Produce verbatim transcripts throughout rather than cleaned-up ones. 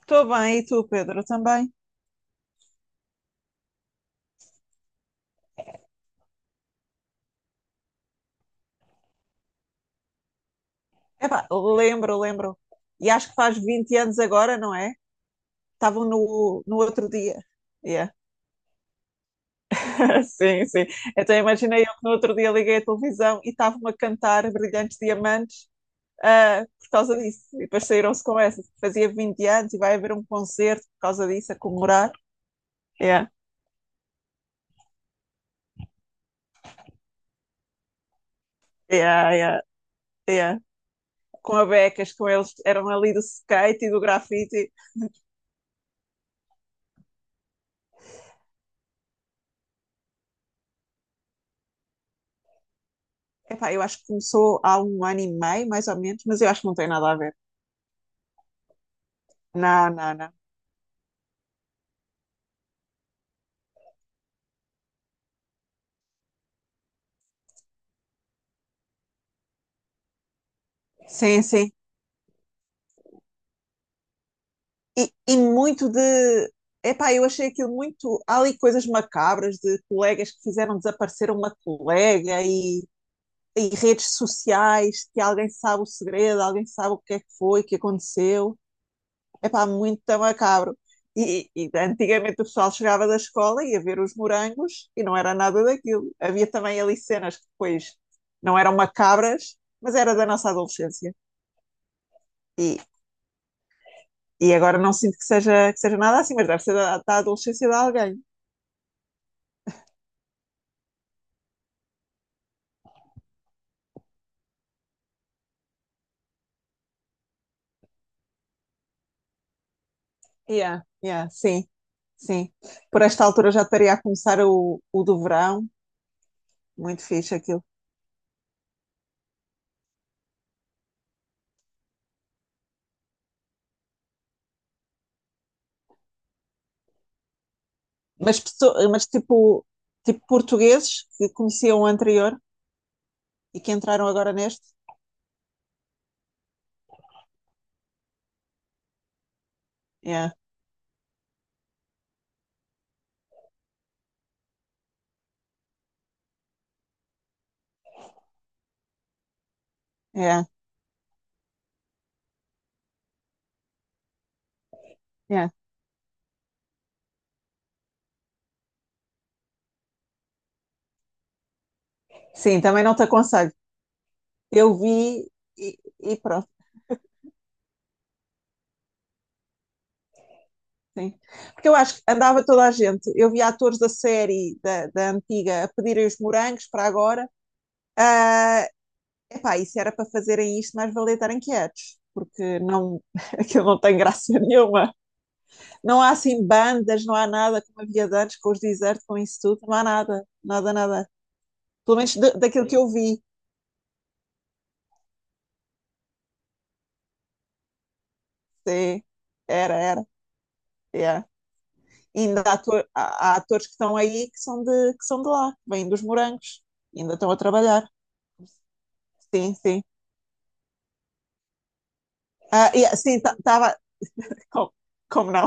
Estou bem, e tu, Pedro, também? Epá, lembro, lembro. E acho que faz vinte anos agora, não é? Estavam no, no outro dia. Yeah. Sim, sim. Então imaginei eu que no outro dia liguei a televisão e estavam a cantar Brilhantes Diamantes, ah, por causa disso. E depois saíram-se com essa. Fazia vinte anos e vai haver um concerto por causa disso, a comemorar. Yeah. Yeah, yeah, yeah. Com a Becas, com eles, eram ali do skate e do grafite. Epá, eu acho que começou há um ano e meio, mais ou menos, mas eu acho que não tem nada a ver. Não, não, não. Sim, sim. E, e muito de. Epá, eu achei aquilo muito. Há ali coisas macabras de colegas que fizeram desaparecer uma colega e, e redes sociais que alguém sabe o segredo, alguém sabe o que é que foi, o que aconteceu. Epá, muito macabro. E, e antigamente o pessoal chegava da escola e ia ver os morangos e não era nada daquilo. Havia também ali cenas que depois não eram macabras, mas era da nossa adolescência. E agora não sinto que seja, que seja nada assim, mas deve ser da, da adolescência de alguém. Yeah, yeah, sim, sim. Por esta altura já estaria a começar o, o do verão, muito fixe aquilo. Mas, pesso- mas tipo, tipo portugueses que conheciam o anterior e que entraram agora neste. Yeah, yeah, yeah. Sim, também não te aconselho. Eu vi e, e pronto, sim. Porque eu acho que andava toda a gente. Eu vi atores da série, da, da antiga, a pedirem os morangos para agora. Epá, e se era para fazerem isto, mais valia estarem quietos, porque não, aquilo não tem graça nenhuma. Não há assim bandas, não há nada como havia de antes, com os desertos, com isso tudo, não há nada, nada, nada. Pelo menos da- daquilo que eu vi, sim, era, era, yeah. E ainda há, ator- há- há atores que estão aí que são de, que são de lá, que vêm dos morangos, ainda estão a trabalhar, sim, sim. Ah, yeah, sim, estava, como, como não?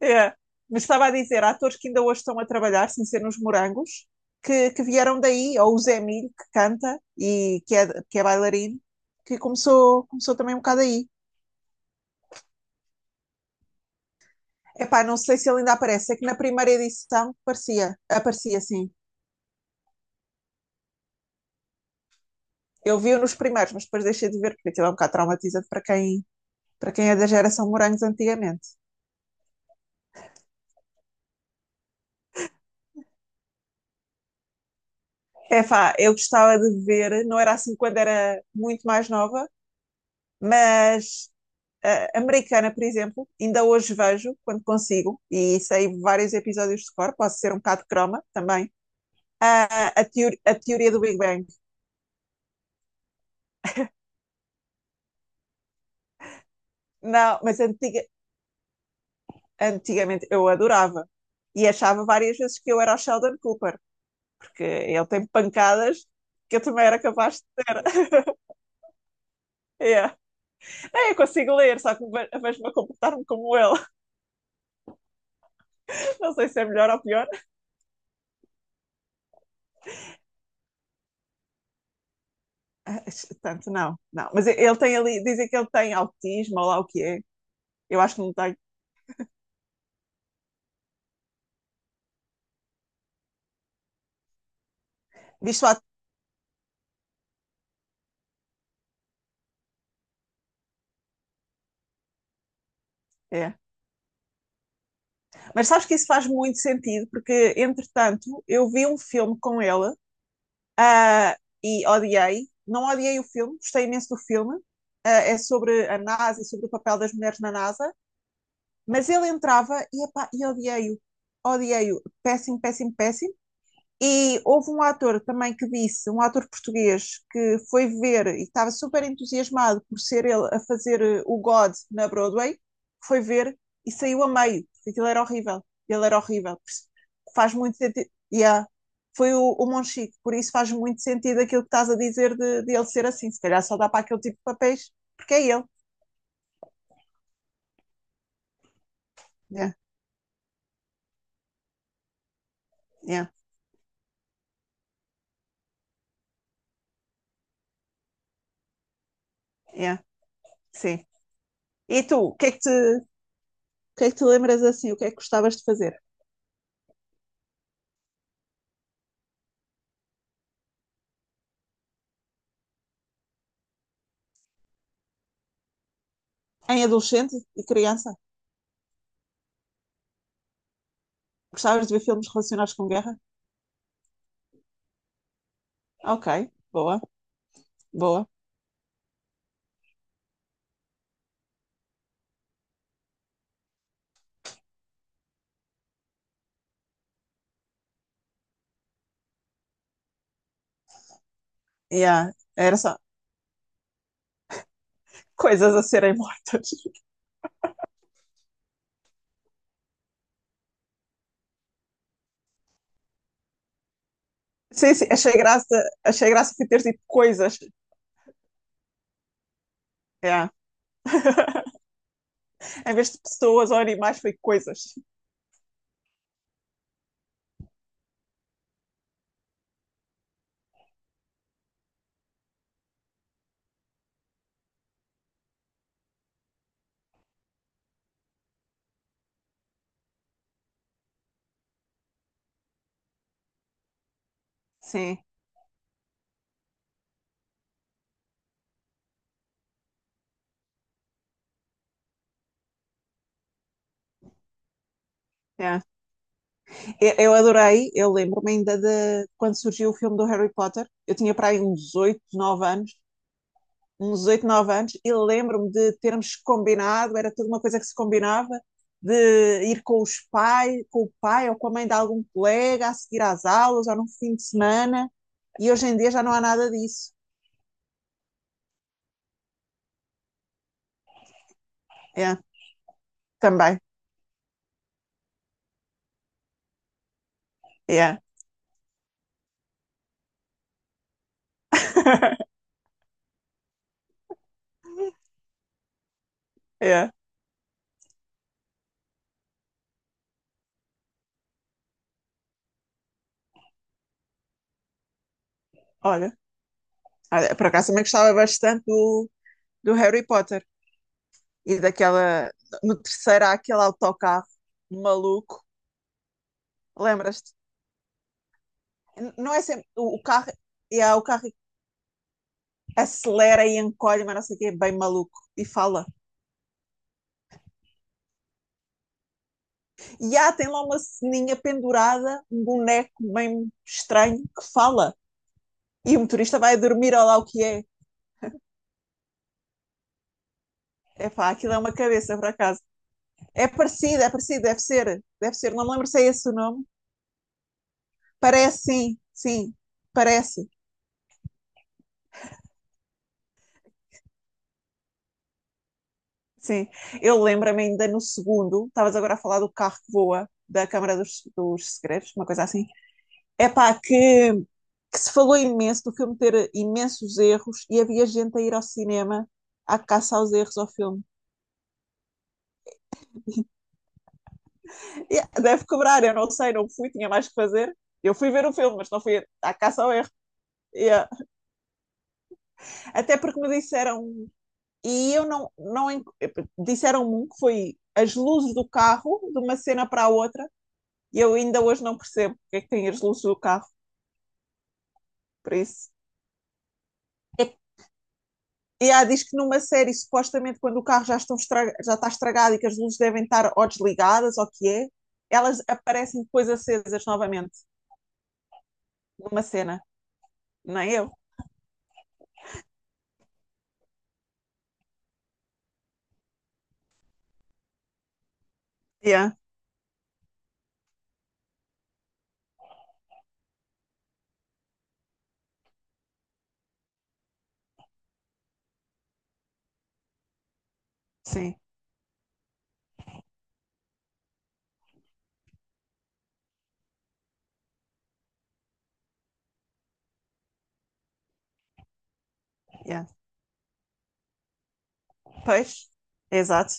É. Mas estava a dizer, há atores que ainda hoje estão a trabalhar, sem ser nos Morangos, que, que vieram daí, ou o Zé Milho, que canta e que é, que é bailarino, que começou, começou também um bocado aí. Epá, não sei se ele ainda aparece, é que na primeira edição parecia, aparecia sim. Eu vi-o nos primeiros, mas depois deixei de ver, porque aquilo é um bocado traumatizante para quem, para quem é da geração Morangos antigamente. Epá, eu gostava de ver, não era assim quando era muito mais nova, mas eh, americana, por exemplo, ainda hoje vejo, quando consigo, e sei vários episódios de cor, posso ser um bocado croma também, ah, a, teori- a teoria do Big Bang. Não, mas antiga- antigamente eu adorava. E achava várias vezes que eu era o Sheldon Cooper, porque ele tem pancadas que eu também era capaz de ter. Yeah. É, eu consigo ler, só que ve- vejo-me a comportar-me como ele. Não sei se é melhor ou pior. Ah, tanto não, não. Mas ele tem ali, dizem que ele tem autismo ou lá o que é. Eu acho que não tem. Viste o. É. Mas sabes que isso faz muito sentido, porque, entretanto, eu vi um filme com ela, ah, e odiei. Não odiei o filme, gostei imenso do filme. Ah, é sobre a NASA e sobre o papel das mulheres na NASA, mas ele entrava e, epá, e odiei-o. Odiei-o. Péssimo, péssimo, péssimo. E houve um ator também que disse, um ator português, que foi ver e estava super entusiasmado por ser ele a fazer eh, o God na Broadway, foi ver e saiu a meio, porque aquilo era horrível. Ele era horrível. Faz muito sentido. Yeah. Foi o, o Monchique, por isso faz muito sentido aquilo que estás a dizer de, de ele ser assim. Se calhar só dá para aquele tipo de papéis, porque é ele. Yeah, yeah, yeah. Sim. E tu, o que é que te, o que é que te lembras assim? O que é que gostavas de fazer? Em adolescente e criança? Gostavas de ver filmes relacionados com guerra? Ok, boa, boa. Yeah, era só coisas a serem mortas. Sim, sim, achei graça, achei graça foi ter tipo coisas. Yeah. Em vez de pessoas ou animais, foi coisas. Sim, é. Eu, eu adorei, eu lembro-me ainda de quando surgiu o filme do Harry Potter. Eu tinha para aí uns oito, nove anos uns oito nove anos, e lembro-me de termos combinado, era toda uma coisa que se combinava, de ir com os pais, com o pai ou com a mãe de algum colega a seguir às aulas ou num fim de semana, e hoje em dia já não há nada disso. É, também. É. É, olha. Olha, por acaso também gostava bastante do, do Harry Potter e daquela. No terceiro há aquele autocarro maluco, lembras-te? N- Não é sempre. O, o carro. É, o carro acelera e encolhe, mas não sei o quê, bem maluco. E fala. E há, tem lá uma ceninha pendurada, um boneco bem estranho que fala. E o motorista vai dormir, olha lá o que é. É pá, aquilo é uma cabeça, por acaso. É parecido, é parecido, deve ser. Deve ser, não me lembro se é esse o nome. Parece, sim, sim, parece. Sim, eu lembro-me ainda no segundo, estavas agora a falar do carro que voa, da Câmara dos, dos Segredos, uma coisa assim. É pá, que que se falou imenso do filme ter imensos erros e havia gente a ir ao cinema à caça aos erros ao filme. E deve cobrar, eu não sei, não fui, tinha mais que fazer. Eu fui ver o filme, mas não fui à caça ao erro. E, eh, até porque me disseram, e eu não, não disseram-me um que foi as luzes do carro, de uma cena para a outra, e eu ainda hoje não percebo porque é que tem as luzes do carro, por isso. É. E há, diz que numa série, supostamente, quando o carro já, estão estra- já está estragado e que as luzes devem estar ou desligadas, ou o que é, elas aparecem depois acesas novamente, numa cena. Não é eu? Yeah, sim, yeah. Pois, exato,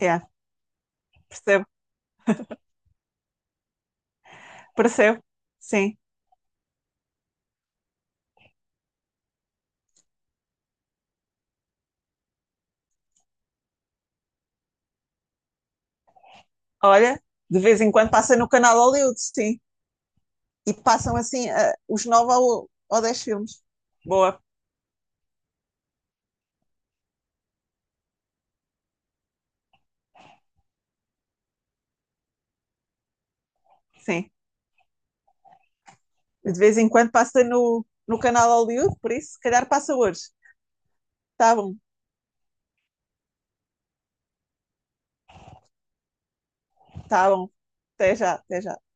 yeah. Percebo, percebo, sim. Olha, de vez em quando passa no canal Hollywood, sim. E passam assim ah, os nove ou, ou dez filmes. Boa, sim. De vez em quando passa no, no canal Hollywood, por isso, se calhar passa hoje. Tá bom. Tá bom. Até já, até já.